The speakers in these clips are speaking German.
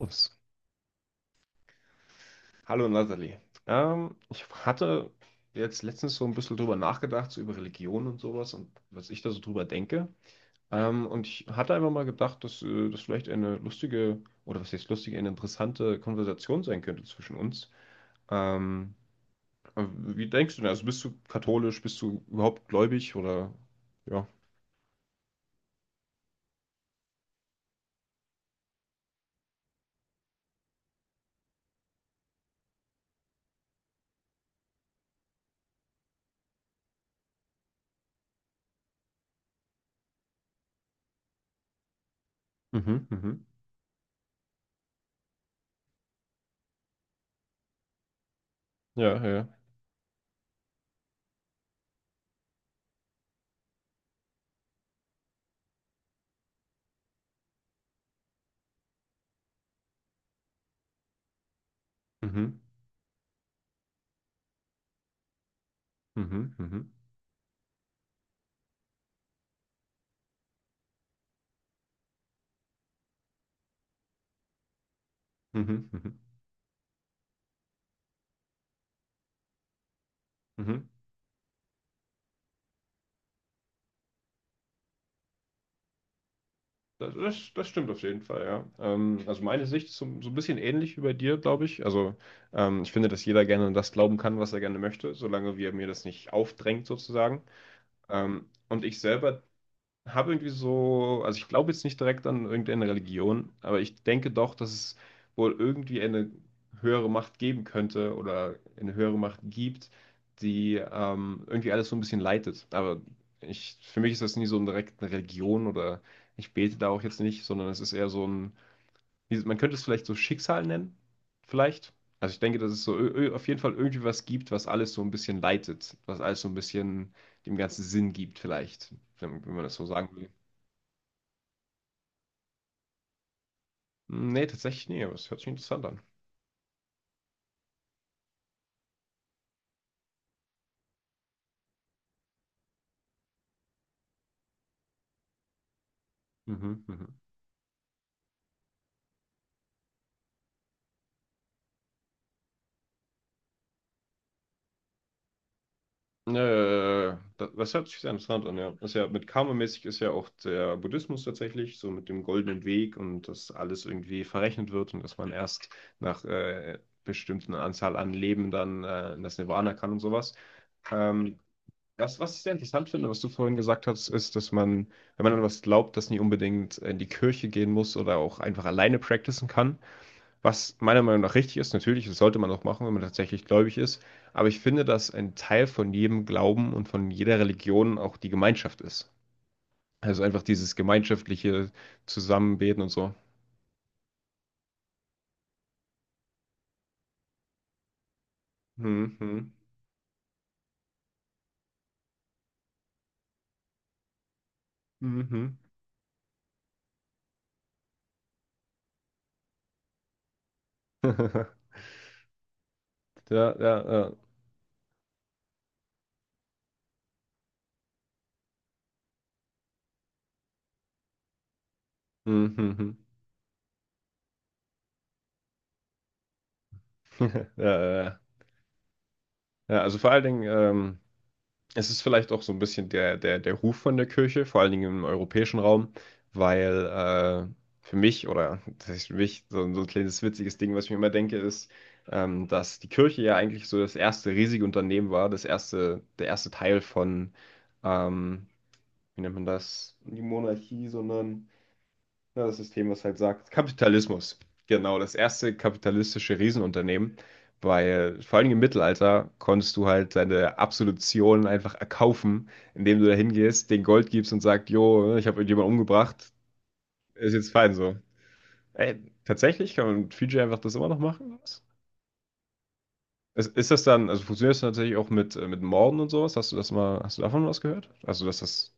Ups. Hallo Nathalie. Ich hatte jetzt letztens so ein bisschen drüber nachgedacht, so über Religion und sowas und was ich da so drüber denke. Und ich hatte einfach mal gedacht, dass das vielleicht eine lustige, oder was heißt lustige, eine interessante Konversation sein könnte zwischen uns. Ähm, Wie denkst du denn? Also bist du katholisch, bist du überhaupt gläubig oder ja? Mhm, mhm. Ja, ja. Mhm, mhm, mhm, mhm, mhm, mhm. Mhm. Das stimmt auf jeden Fall, ja. Also meine Sicht ist so, so ein bisschen ähnlich wie bei dir, glaube ich. Also ich finde, dass jeder gerne an das glauben kann, was er gerne möchte, solange wir mir das nicht aufdrängt sozusagen. Und ich selber habe irgendwie so, also ich glaube jetzt nicht direkt an irgendeine Religion, aber ich denke doch, dass es wohl irgendwie eine höhere Macht geben könnte oder eine höhere Macht gibt, die irgendwie alles so ein bisschen leitet. Aber ich, für mich ist das nie so eine direkte Religion oder ich bete da auch jetzt nicht, sondern es ist eher so ein, man könnte es vielleicht so Schicksal nennen, vielleicht. Also ich denke, dass es so auf jeden Fall irgendwie was gibt, was alles so ein bisschen leitet, was alles so ein bisschen dem Ganzen Sinn gibt, vielleicht, wenn man das so sagen will. Nee, tatsächlich nee, aber es hört sich interessant an. Mhm, mhm. Das hört sich sehr interessant an, ja. Ist ja mit Karma-mäßig ist ja auch der Buddhismus tatsächlich, so mit dem goldenen Weg und dass alles irgendwie verrechnet wird und dass man erst nach bestimmten Anzahl an Leben dann in das Nirvana kann und sowas. Ähm, Das, was ich sehr interessant finde, was du vorhin gesagt hast, ist, dass man, wenn man an was glaubt, das nie unbedingt in die Kirche gehen muss oder auch einfach alleine practicen kann. Was meiner Meinung nach richtig ist, natürlich, das sollte man auch machen, wenn man tatsächlich gläubig ist. Aber ich finde, dass ein Teil von jedem Glauben und von jeder Religion auch die Gemeinschaft ist. Also einfach dieses gemeinschaftliche Zusammenbeten und so. Mhm. Mhm. Ja, ja, ja. Mhm. Ja, ja, ja. Ja, also vor allen Dingen, es ist vielleicht auch so ein bisschen der Ruf von der Kirche, vor allen Dingen im europäischen Raum, weil, äh, für mich oder was heißt für mich, so ein so 'n kleines witziges Ding, was ich mir immer denke, ist, dass die Kirche ja eigentlich so das erste riesige Unternehmen war, das erste der erste Teil von, ähm, wie nennt man das? Nicht Monarchie, sondern ja, das System, was halt sagt, Kapitalismus. Genau, das erste kapitalistische Riesenunternehmen, weil vor allem im Mittelalter konntest du halt deine Absolution einfach erkaufen, indem du da hingehst, den Gold gibst und sagst, jo, ich habe irgendjemanden umgebracht, ist jetzt fein so. Ey, tatsächlich kann man mit Fiji einfach das immer noch machen? Was? Ist das dann, also funktioniert das tatsächlich auch mit Morden und sowas? Hast du das mal, hast du davon was gehört? Also, dass das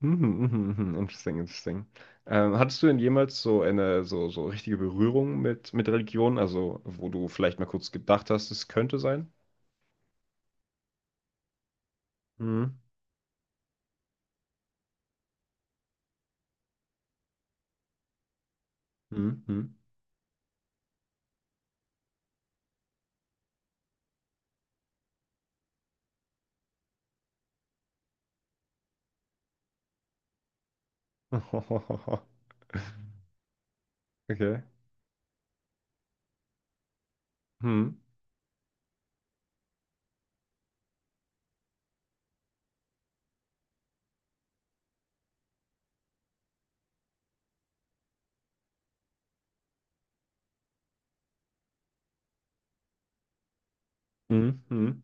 mhm, mhm, mhm. Interesting, interesting. Hattest du denn jemals so eine so, so richtige Berührung mit Religion, also wo du vielleicht mal kurz gedacht hast, es könnte sein? Mhm. Mhm. Mhm. Okay. Mhm. Mhm. Mhm.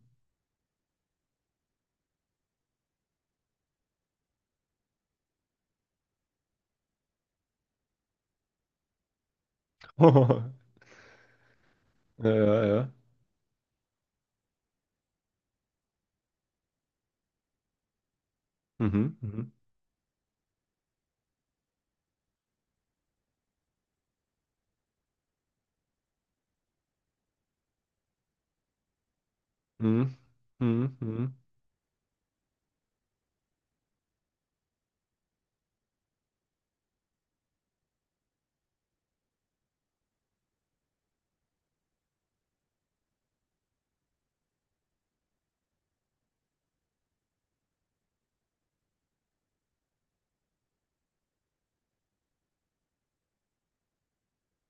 Ja, ja, ja. Mhm. Mhm. Mhm. Mhm. Mhm.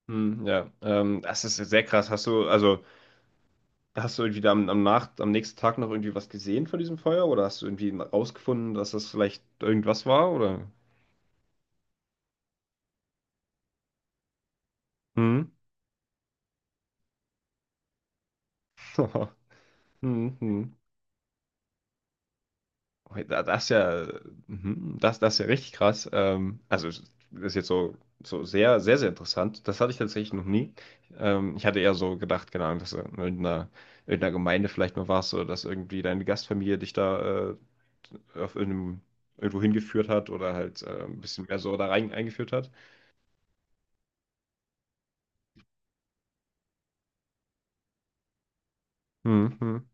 Mhm. Ja, das ist ja sehr krass. Hast du, also, hast du irgendwie da am, am Nacht, am nächsten Tag noch irgendwie was gesehen von diesem Feuer oder hast du irgendwie rausgefunden, dass das vielleicht irgendwas war, oder? Mhm. Mhm. Mhm. Das ist ja, mhm, das, das ist ja richtig krass. Also, das ist jetzt so, so sehr, sehr, sehr interessant. Das hatte ich tatsächlich noch nie. Ich hatte eher so gedacht, keine Ahnung, dass du in irgendeiner, irgendeiner Gemeinde vielleicht mal warst oder dass irgendwie deine Gastfamilie dich da auf irgendeinem, irgendwo hingeführt hat oder halt ein bisschen mehr so da rein eingeführt hat. Mhm. Mhm.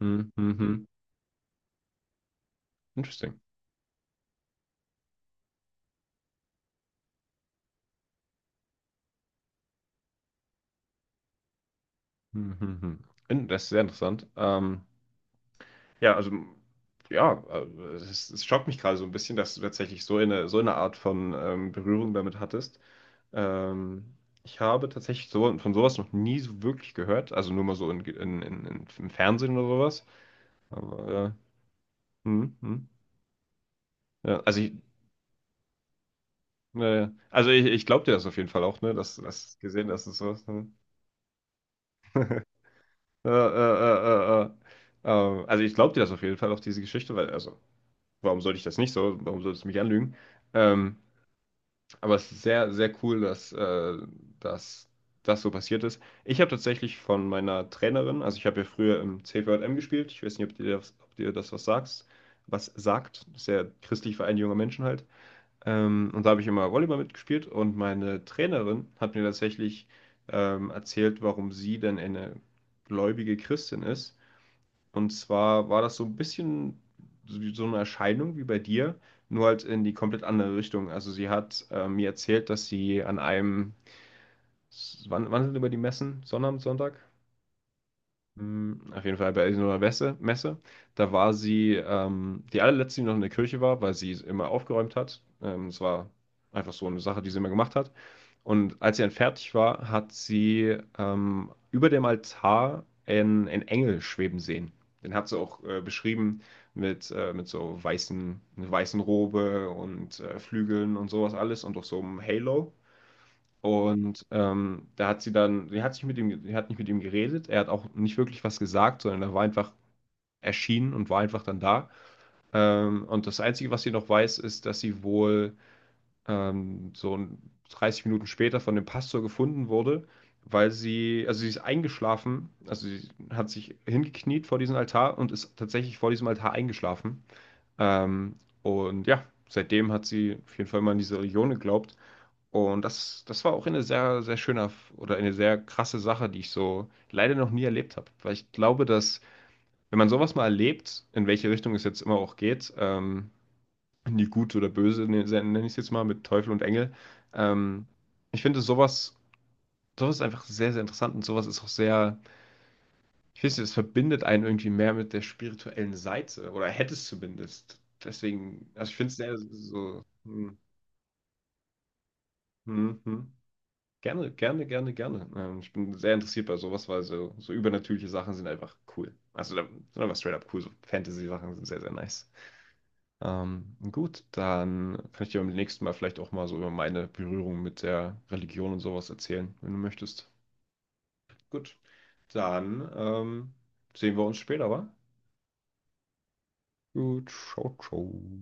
Mhm. Mhm. Interesting. Mhm. Mhm. Das ist sehr interessant. Ja, also ja, es, es schockt mich gerade so ein bisschen, dass du tatsächlich so eine Art von Berührung damit hattest. Ähm, Ich habe tatsächlich so, von sowas noch nie so wirklich gehört, also nur mal so im Fernsehen oder sowas. Aber hm, hm, ja, also ich glaube dir das auf jeden Fall auch, ne, dass das gesehen, dass es sowas. Ne? Äh, äh, äh, äh, äh. Also ich glaube dir das auf jeden Fall, auch diese Geschichte, weil, also, warum sollte ich das nicht so? Warum solltest du mich anlügen? Ähm, Aber es ist sehr, sehr cool, dass, dass das so passiert ist. Ich habe tatsächlich von meiner Trainerin, also ich habe ja früher im C4M gespielt, ich weiß nicht, ob dir das was sagst, was sagt, das ist ja christlich Verein junger Menschen halt. Und da habe ich immer Volleyball mitgespielt und meine Trainerin hat mir tatsächlich erzählt, warum sie denn eine gläubige Christin ist und zwar war das so ein bisschen so so eine Erscheinung wie bei dir, nur halt in die komplett andere Richtung. Also sie hat mir erzählt, dass sie an einem, wann, wann sind über die Messen? Sonnabend, Sonntag? Hm, auf jeden Fall bei irgendeiner Messe. Da war sie die allerletzte, die noch in der Kirche war, weil sie immer aufgeräumt hat. Es war einfach so eine Sache, die sie immer gemacht hat. Und als sie dann fertig war, hat sie über dem Altar einen Engel schweben sehen. Den hat sie auch beschrieben mit so weißen, einer weißen Robe und Flügeln und sowas alles und auch so einem Halo. Und da hat sie dann, sie hat sich mit ihm, sie hat nicht mit ihm geredet, er hat auch nicht wirklich was gesagt, sondern er war einfach erschienen und war einfach dann da. Und das Einzige, was sie noch weiß, ist, dass sie wohl ähm, so ein- 30 Minuten später von dem Pastor gefunden wurde, weil sie, also sie ist eingeschlafen, also sie hat sich hingekniet vor diesem Altar und ist tatsächlich vor diesem Altar eingeschlafen. Ähm, und ja, seitdem hat sie auf jeden Fall mal an diese Religion geglaubt. Und das war auch eine sehr, sehr schöne oder eine sehr krasse Sache, die ich so leider noch nie erlebt habe. Weil ich glaube, dass, wenn man sowas mal erlebt, in welche Richtung es jetzt immer auch geht, in die Gut oder Böse, nenne ich es jetzt mal, mit Teufel und Engel. Ähm, Ich finde sowas, sowas ist einfach sehr, sehr interessant und sowas ist auch sehr, ich weiß nicht, das verbindet einen irgendwie mehr mit der spirituellen Seite oder hätte es zumindest. Deswegen, also ich finde es sehr so, hm, hm. Gerne, gerne, gerne, gerne. Ich bin sehr interessiert bei sowas, weil so, so übernatürliche Sachen sind einfach cool. Also, sind einfach straight up cool. So Fantasy-Sachen sind sehr, sehr nice. Gut, dann kann ich dir beim nächsten Mal vielleicht auch mal so über meine Berührung mit der Religion und sowas erzählen, wenn du möchtest. Gut, dann sehen wir uns später, wa? Gut, ciao, ciao.